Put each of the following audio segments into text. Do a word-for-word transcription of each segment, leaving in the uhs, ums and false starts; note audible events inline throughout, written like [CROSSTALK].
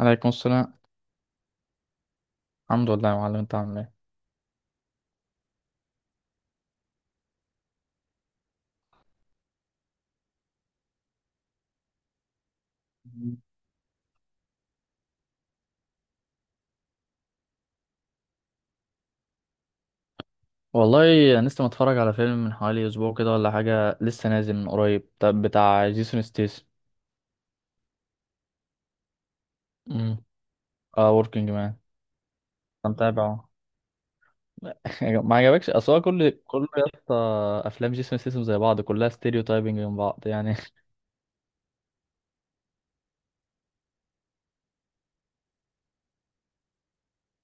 عليكم السلام. الحمد لله يا معلم، انت عامل ايه؟ والله انا لسه متفرج على فيلم من حوالي اسبوع كده ولا حاجه، لسه نازل من قريب، طب بتاع جيسون ستيس. امم اه، وركينج مان. انت متابعه؟ [LAUGHS] ما عجبكش؟ اصل هو كل كل يا اسطى، افلام جيسون ستيسم زي بعض، كلها ستيريو تايبنج من بعض يعني.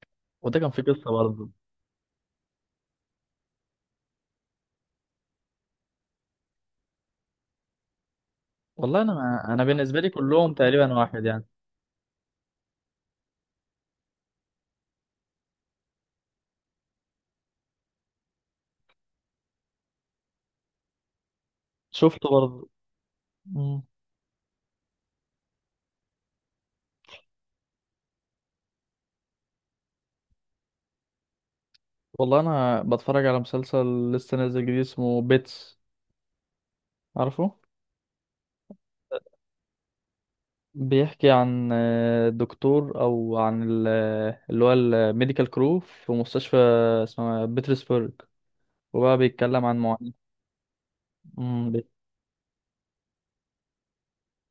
[LAUGHS] وده كان في قصه برضه. والله انا ما... انا بالنسبه لي كلهم تقريبا واحد يعني. شفته برضه. مم. والله انا بتفرج على مسلسل لسه نازل جديد، اسمه بيتس، عارفه؟ بيحكي عن آه، دكتور، او عن ال- اللي هو الميديكال كرو في مستشفى اسمها بيترسبرج، وبقى بيتكلم عن معاناة. أمم، بيت-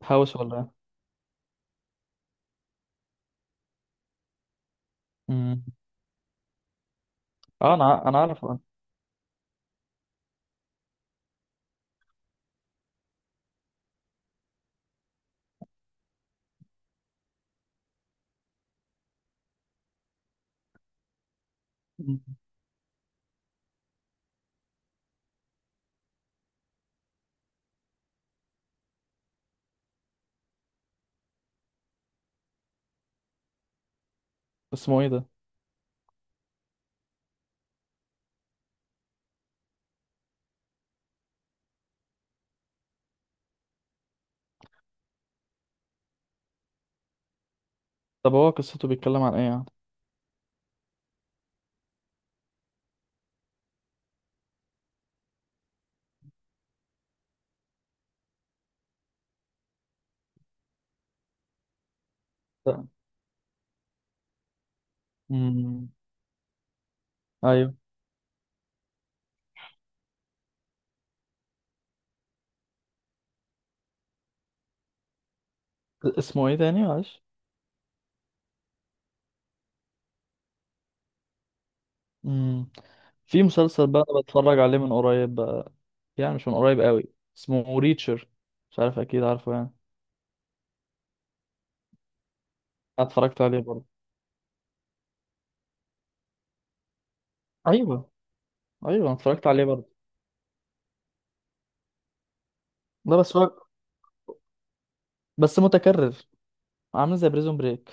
هاوس ولا إيه؟ أمم. اه، انا ع- انا عارف، آه. أمم. اسمه ايه ده؟ طب هو قصته بيتكلم عن ايه يعني؟ لا. أمم. ايوه. اسمه ايه تاني معلش؟ أمم. في مسلسل بقى أنا بتفرج عليه من قريب بقى، يعني مش من قريب قوي، اسمه ريتشر، مش عارف اكيد عارفه يعني. أنا اتفرجت عليه برضه. ايوه، ايوه، أنا اتفرجت عليه برضه. لا، بس هو بس متكرر، عامل زي بريزون بريك.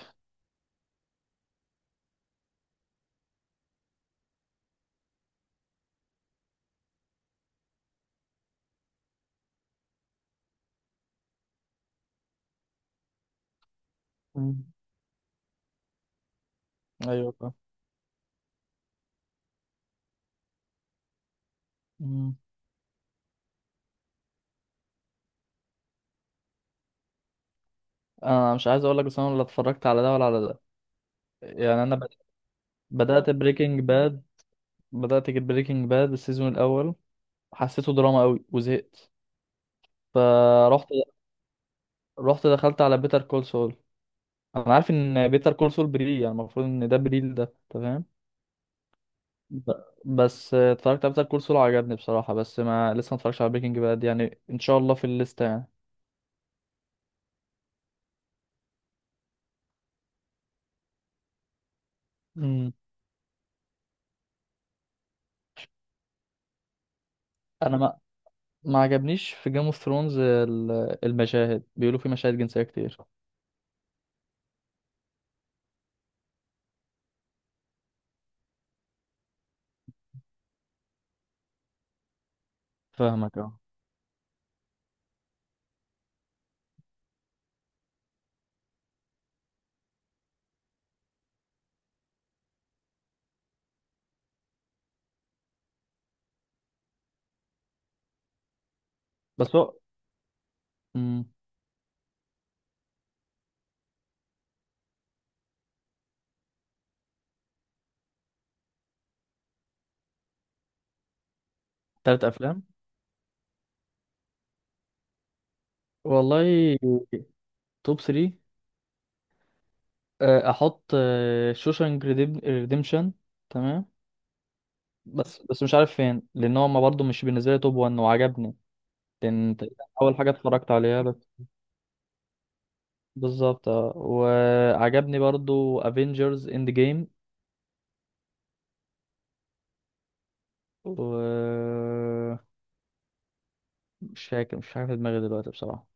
مم. ايوه، فاهم. مم. انا مش عايز اقول لك، بس انا ولا اتفرجت على ده ولا على ده. يعني انا بد- بدات بريكنج باد، بدات كده بريكنج باد السيزون الاول، حسيته دراما قوي وزهقت. فرحت رحت دخلت على بيتر كول سول. انا عارف ان بيتر كول سول بري، يعني المفروض ان ده بري، ده تمام. ب- بس اتفرجت على بيتر كول سول وعجبني بصراحه، بس ما لسه ما اتفرجتش على بريكنج باد، يعني ان شاء الله في الليسته يعني. مم. انا ما عجبنيش في جيم اوف ثرونز، المشاهد بيقولوا في مشاهد جنسية كتير. فاهمك اه. بس هو. مم. تلات افلام. والله، توب ثلاثة، احط شوشانك ريديمشن، تمام. بس بس مش عارف فين، لان هو ما برضه مش بالنسبه لي توب واحد، وعجبني، لان تقريباً اول حاجه اتفرجت عليها بس، بالظبط آه. وعجبني برضه افنجرز اند جيم. و مش فاكر، مش عارف دماغي دلوقتي بصراحه.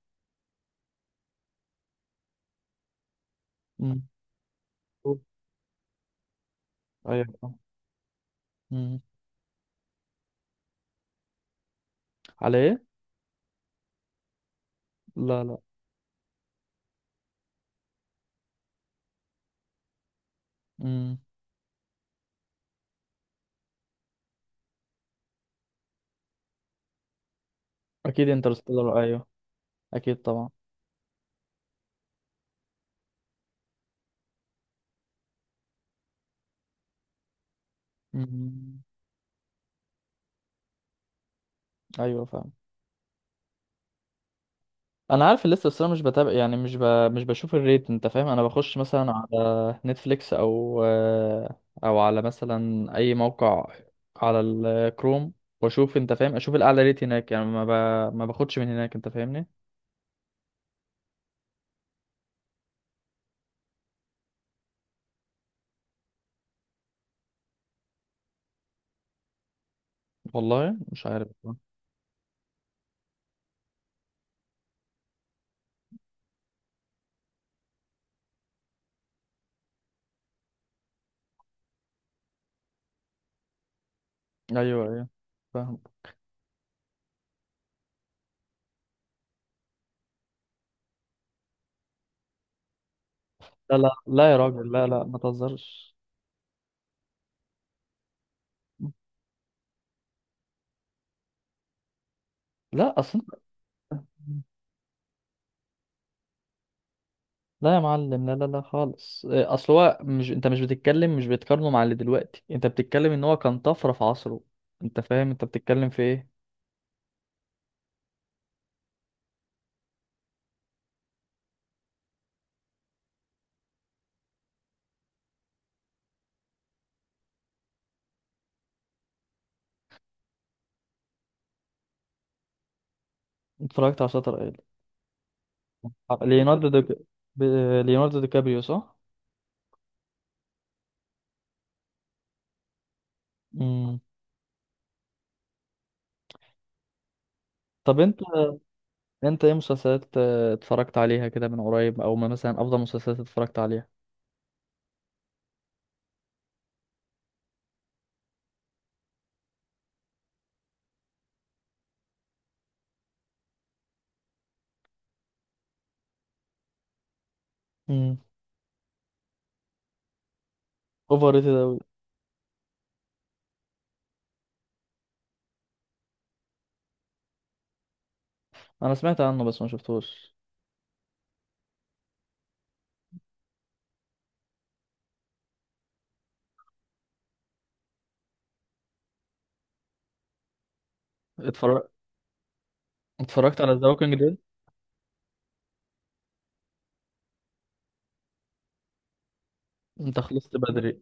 مم. ايوه. مم. على ايه؟ لا، لا. مم. اكيد انترستيلر، ايوه، اكيد طبعا. مم. ايوه، فاهم. انا عارف الليسته، بس انا مش بتابع يعني، مش ب... مش بشوف الريت، انت فاهم، انا بخش مثلا على نتفليكس او آه، او على مثلا اي موقع على الكروم، واشوف، انت فاهم، اشوف الاعلى ريت هناك، يعني ما ب... ما باخدش من هناك، انت فاهمني. والله مش عارف. ايوه، ايوه، فاهم. لا لا لا يا راجل، لا لا ما تهزرش. لا، اصلا. لا يا معلم، لا لا لا خالص، إيه، اصل هو مش، انت مش بتتكلم، مش بتقارنه مع اللي دلوقتي، انت بتتكلم ان هو كان طفره في عصره، انت فاهم انت بتتكلم في ايه. اتفرجت على شاتر ايلاند. آه، ليوناردو دي ب... آه، ليوناردو دي كابريو، صح. امم. طب انت انت ايه مسلسلات آه، اتفرجت عليها كده من قريب، او ما مثلا افضل مسلسلات اتفرجت عليها. امم. اوفر ريتد اوي. انا سمعت عنه بس ما شفتوش. اتفرج... اتفرجت على ذا ووكينج ديد. انت خلصت بدري.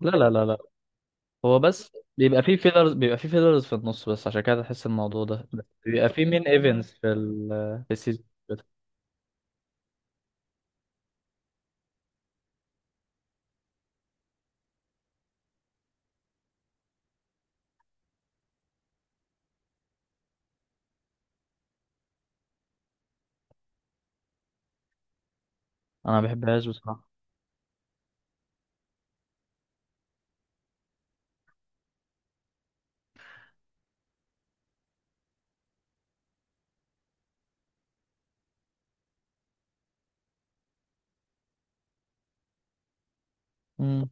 لا لا لا لا. هو بس بيبقى فيه فيلرز، بيبقى فيه فيلرز في النص، بس عشان كده تحس الموضوع ده، بس بيبقى فيه مين ايفنتس في ال في السيزون. انا ما بحبهاش بصراحه. امم.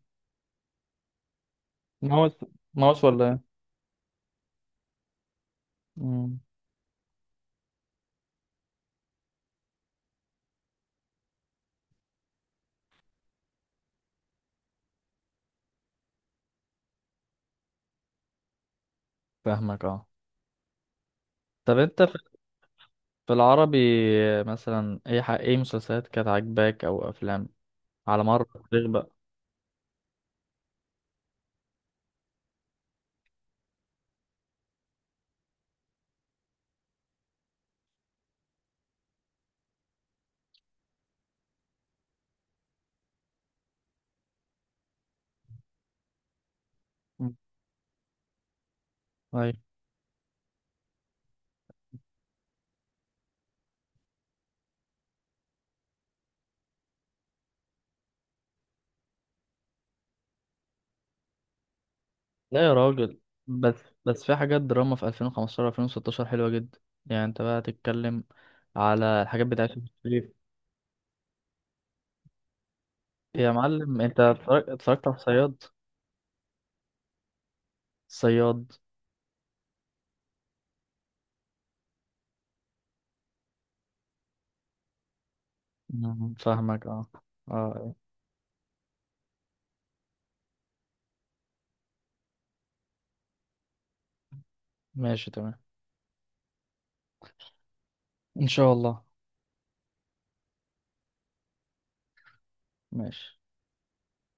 ماوس. ماوس ولا ايه؟ امم. فاهمك اه. طب انت، في في العربي، مثلا ايه ح- ايه مسلسلات كانت عاجباك او افلام، على مر التاريخ بقى. مم. ايوه. لا يا راجل. بس بس في حاجات دراما في ألفين وخمستاشر ألفين وستاشر حلوه جدا، يعني انت بقى تتكلم على الحاجات بتاعت يوسف شريف. يا معلم، انت اتفرج- اتفرجت على الصياد؟ صياد. مم، فاهمك اه. اه. ماشي، تمام. ان شاء الله. ماشي.